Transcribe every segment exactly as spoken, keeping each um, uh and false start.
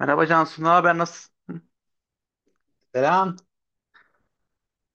Merhaba Cansu, ne haber, nasılsın? Selam.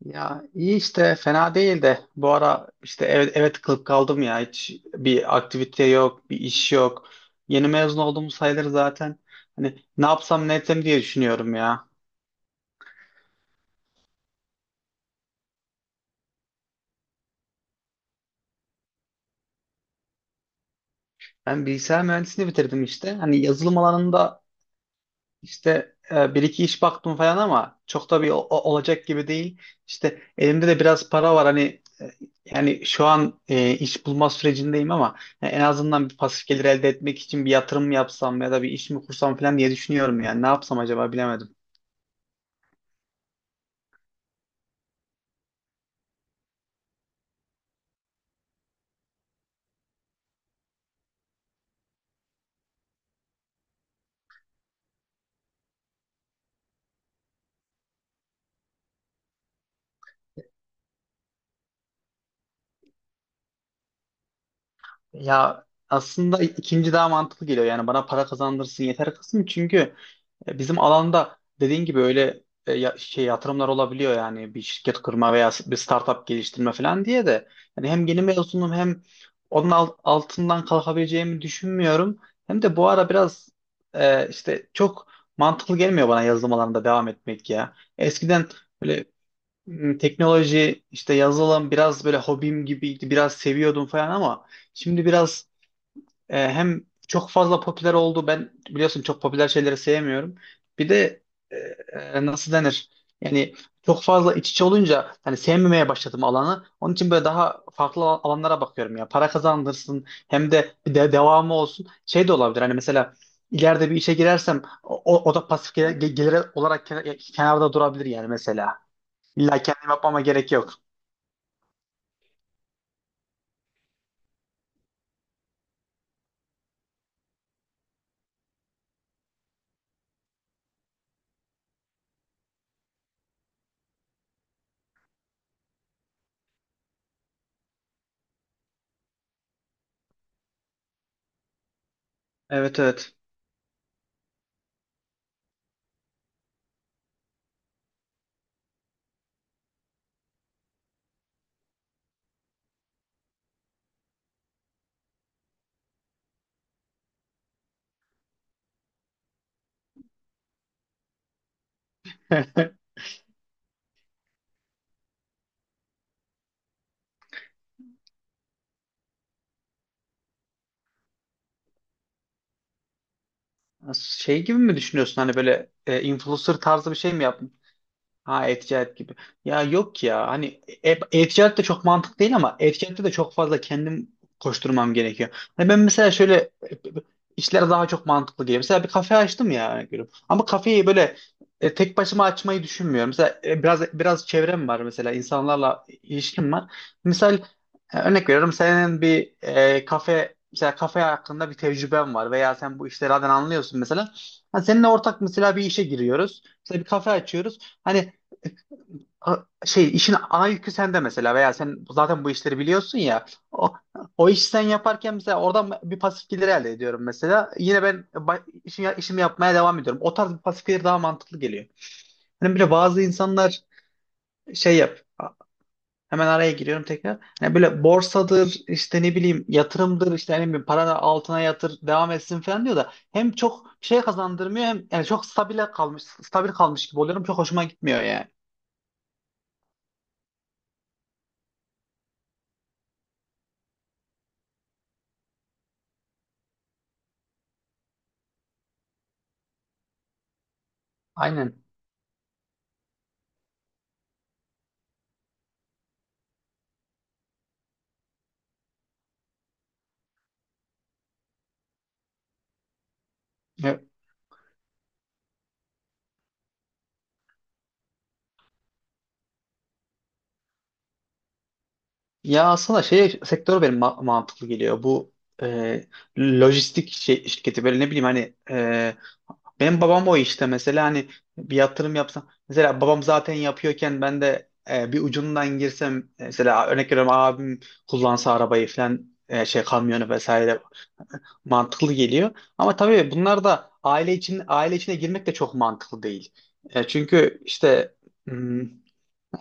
Ya iyi işte fena değil de bu ara işte eve, eve tıkılıp kaldım ya, hiç bir aktivite yok, bir iş yok. Yeni mezun olduğum sayılır zaten. Hani ne yapsam ne etsem diye düşünüyorum ya. Ben bilgisayar mühendisliğini bitirdim işte. Hani yazılım alanında... İşte e, bir iki iş baktım falan ama çok da bir o- o- olacak gibi değil. İşte elimde de biraz para var hani e, yani şu an e, iş bulma sürecindeyim ama yani en azından bir pasif gelir elde etmek için bir yatırım yapsam ya da bir iş mi kursam falan diye düşünüyorum yani ne yapsam acaba, bilemedim. Ya aslında ikinci daha mantıklı geliyor yani, bana para kazandırsın yeter kısım. Çünkü E, bizim alanda dediğin gibi öyle e, ya- şey yatırımlar olabiliyor yani, bir şirket kurma veya s- bir startup geliştirme falan diye de yani hem yeni mezunum hem onun al- altından kalkabileceğimi düşünmüyorum. Hem de bu ara biraz e, işte çok mantıklı gelmiyor bana yazılım alanında devam etmek ya. Eskiden böyle m, teknoloji işte yazılım biraz böyle hobim gibiydi, biraz seviyordum falan ama şimdi biraz e, hem çok fazla popüler oldu. Ben biliyorsun çok popüler şeyleri sevmiyorum. Bir de e, e, nasıl denir? Yani çok fazla iç içe olunca hani sevmemeye başladım alanı. Onun için böyle daha farklı al- alanlara bakıyorum ya. Para kazandırsın, hem de bir de devamı olsun. Şey de olabilir. Hani mesela ileride bir işe girersem o, o o da pasif gel- ge- gelir olarak kenar- kenarda durabilir yani, mesela. İlla kendim yapmama gerek yok. Evet, evet. Şey gibi mi düşünüyorsun, hani böyle e, influencer tarzı bir şey mi yap? Ha, e-ticaret gibi. Ya yok ya, hani e- e-ticaret de çok mantık değil ama e-ticarette de çok fazla kendim koşturmam gerekiyor. Hani ben mesela şöyle e, işler daha çok mantıklı geliyor. Mesela bir kafe açtım ya, örnek veriyorum. Ama kafeyi böyle e, tek başıma açmayı düşünmüyorum. Mesela e, biraz biraz çevrem var mesela, insanlarla ilişkim var. Misal e, örnek veriyorum, senin bir e, kafe mesela, kafe hakkında bir tecrüben var veya sen bu işlerden anlıyorsun mesela. Ha, seninle ortak mesela bir işe giriyoruz. Mesela bir kafe açıyoruz. Hani A- şey, işin ana yükü sende mesela veya sen zaten bu işleri biliyorsun ya, o, o işi sen yaparken mesela oradan bir pasif gelir elde ediyorum mesela, yine ben ba- işi- işimi yapmaya devam ediyorum. O tarz bir pasif gelir daha mantıklı geliyor. Hani böyle bazı insanlar şey yap hemen araya giriyorum tekrar, hani böyle borsadır işte ne bileyim yatırımdır işte, hani bir paranı altına yatır devam etsin falan diyor da hem çok şey kazandırmıyor hem yani çok stabile kalmış stabil kalmış gibi oluyorum, çok hoşuma gitmiyor yani. Aynen. Ya aslında şey sektör benim ma- mantıklı geliyor. Bu e, lojistik şey, şirketi böyle ne bileyim, hani e, benim babam o işte mesela. Hani bir yatırım yapsam mesela, babam zaten yapıyorken ben de e, bir ucundan girsem e, mesela, örnek veriyorum, abim kullansa arabayı falan e, şey kamyonu vesaire, mantıklı geliyor. Ama tabii bunlar da aile için aile içine girmek de çok mantıklı değil. E, çünkü işte hmm,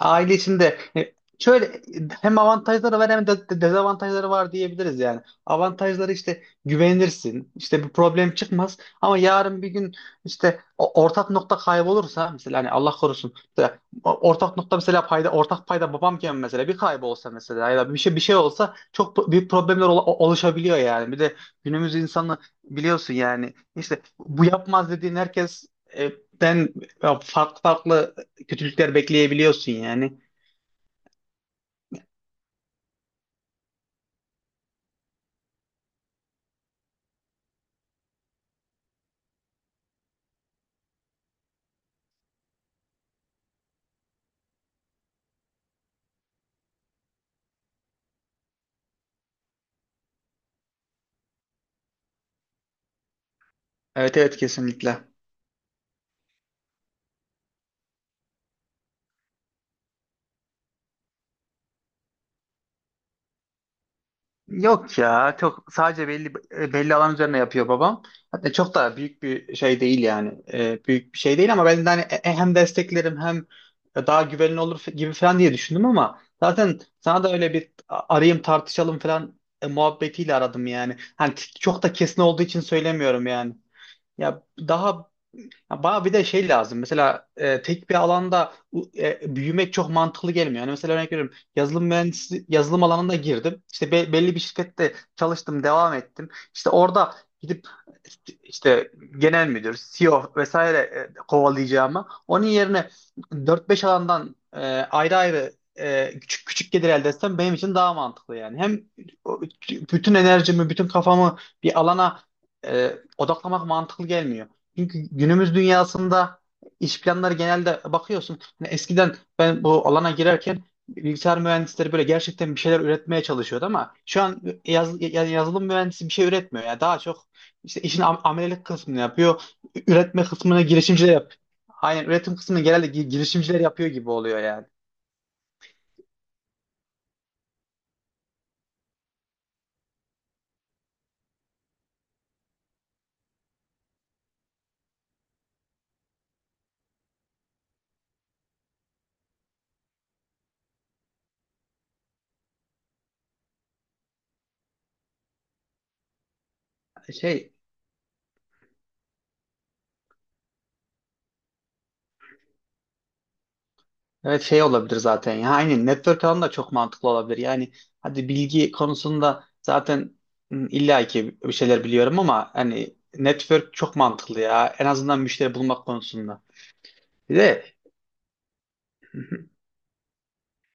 aile içinde e, şöyle, hem avantajları var hem de de- dezavantajları var, diyebiliriz yani. Avantajları işte, güvenirsin. İşte bir problem çıkmaz ama yarın bir gün işte o- ortak nokta kaybolursa mesela, hani Allah korusun mesela o- ortak nokta, mesela payda ortak payda babamken mesela bir kaybolsa, mesela ya da bir şey bir şey olsa çok pro- büyük problemler ola- oluşabiliyor yani. Bir de günümüz insanı biliyorsun yani, işte bu yapmaz dediğin herkes e, ben e, farklı farklı kötülükler bekleyebiliyorsun yani. Evet, evet, kesinlikle. Yok ya, çok sadece belli e, belli alan üzerine yapıyor babam. Hatta çok da büyük bir şey değil yani. Ee, büyük bir şey değil ama ben de hani e- e, hem desteklerim hem daha güvenli olur gibi falan diye düşündüm, ama zaten sana da öyle bir arayayım, tartışalım falan e, muhabbetiyle aradım yani. Hani çok da kesin olduğu için söylemiyorum yani. Ya daha Ya, bana bir de şey lazım. Mesela e, tek bir alanda u- e, büyümek çok mantıklı gelmiyor. Yani mesela örnek veriyorum, yazılım mühendisi yazılım alanına girdim. İşte be- belli bir şirkette çalıştım, devam ettim. İşte orada gidip işte genel müdür, C E O vesaire e, kovalayacağıma, onun yerine dört beş alandan e, ayrı ayrı e, küçük küçük gelir elde etsem benim için daha mantıklı yani. Hem o- bütün enerjimi, bütün kafamı bir alana e, odaklamak mantıklı gelmiyor. Çünkü günümüz dünyasında iş planları genelde bakıyorsun. Hani eskiden ben bu alana girerken bilgisayar mühendisleri böyle gerçekten bir şeyler üretmeye çalışıyordu ama şu an yaz, yani yazılım mühendisi bir şey üretmiyor. Yani daha çok işte işin am- amelelik kısmını yapıyor. Üretme kısmını girişimciler yap. Aynen, üretim kısmını genelde gi- girişimciler yapıyor gibi oluyor yani. Şey Evet, şey olabilir zaten ya. Aynen, network alanı da çok mantıklı olabilir. Yani hadi bilgi konusunda zaten ım, illa ki bir şeyler biliyorum ama hani network çok mantıklı ya. En azından müşteri bulmak konusunda. Bir de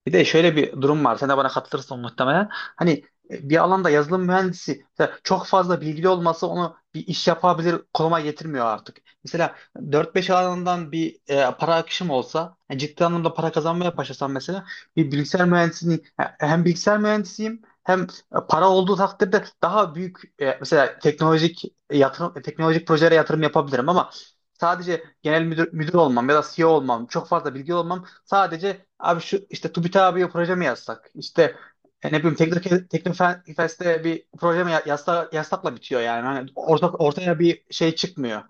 Bir de şöyle bir durum var. Sen de bana katılırsın muhtemelen. Hani e, bir alanda yazılım mühendisi mesela çok fazla bilgili olması onu bir iş yapabilir konuma getirmiyor artık. Mesela dört beş alandan bir e, para akışım olsa, yani ciddi anlamda para kazanmaya başlasam mesela, bir bilgisayar mühendisinin hem bilgisayar mühendisiyim hem e, para olduğu takdirde daha büyük e, mesela teknolojik yatırım, e, teknolojik projelere yatırım yapabilirim. Ama sadece genel müdür, müdür olmam ya da C E O olmam, çok fazla bilgi olmam... Sadece abi, şu işte TÜBİTAK abiye proje mi yazsak? İşte e, ne bileyim, Teknik Teknofest'e bir proje mi ya- yazsa, yazsakla bitiyor yani. Hani orta, ortaya bir şey çıkmıyor.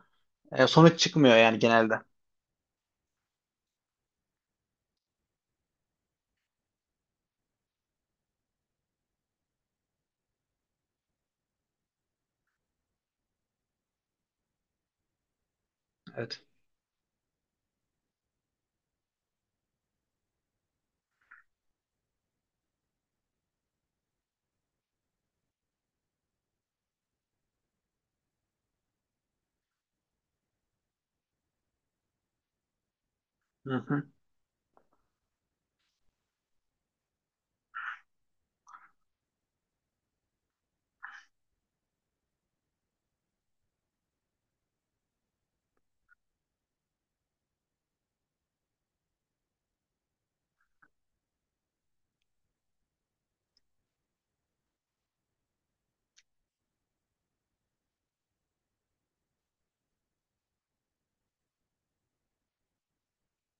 E, sonuç çıkmıyor yani genelde. Evet. Hı hı.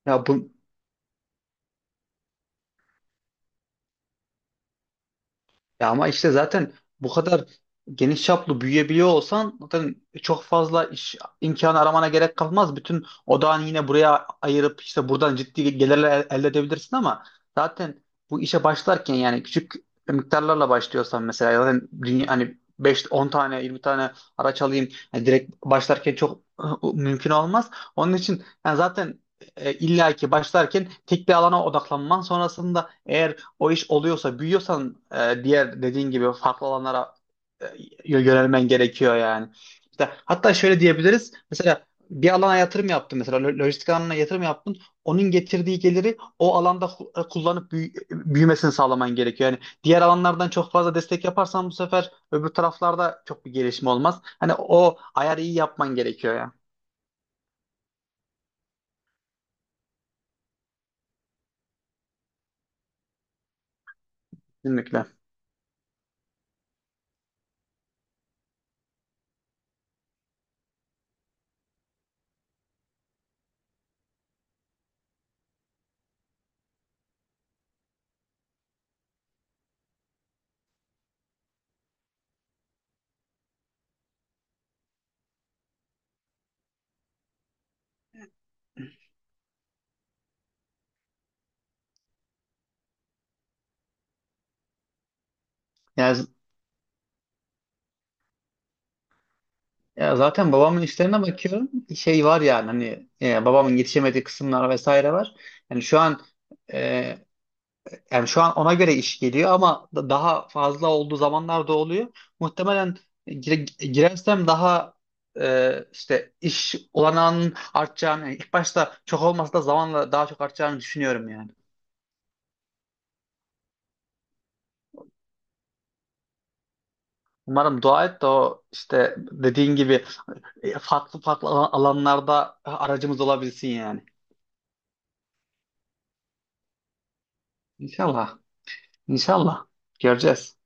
Ya bu Ya ama işte zaten bu kadar geniş çaplı büyüyebiliyor olsan zaten çok fazla iş imkanı aramana gerek kalmaz. Bütün odağını yine buraya ayırıp işte buradan ciddi gelirler el- elde edebilirsin ama zaten bu işe başlarken yani küçük miktarlarla başlıyorsan mesela, zaten dünya, hani beş on tane yirmi tane araç alayım hani, direkt başlarken çok mümkün olmaz. Onun için yani zaten e, illaki başlarken tek bir alana odaklanman, sonrasında eğer o iş oluyorsa, büyüyorsan e, diğer dediğin gibi farklı alanlara e, yönelmen gerekiyor yani. İşte, hatta şöyle diyebiliriz. Mesela bir alana yatırım yaptın, mesela lo- lojistik alanına yatırım yaptın. Onun getirdiği geliri o alanda ku- e, kullanıp büyü- e, büyümesini sağlaman gerekiyor. Yani diğer alanlardan çok fazla destek yaparsan bu sefer öbür taraflarda çok bir gelişme olmaz. Hani o ayarı iyi yapman gerekiyor ya. Kesinlikle. Yani. Ya, zaten babamın işlerine bakıyorum. Şey var yani, hani e, babamın yetişemediği kısımlar vesaire var. Yani şu an e, Yani şu an ona göre iş geliyor ama da- daha fazla olduğu zamanlar da oluyor. Muhtemelen gire- girersem daha e, işte iş olanağının artacağını, yani ilk başta çok olmasa da zamanla daha çok artacağını düşünüyorum yani. Umarım, dua et de o işte dediğin gibi e, farklı farklı alanlarda aracımız olabilsin yani. İnşallah. İnşallah göreceğiz.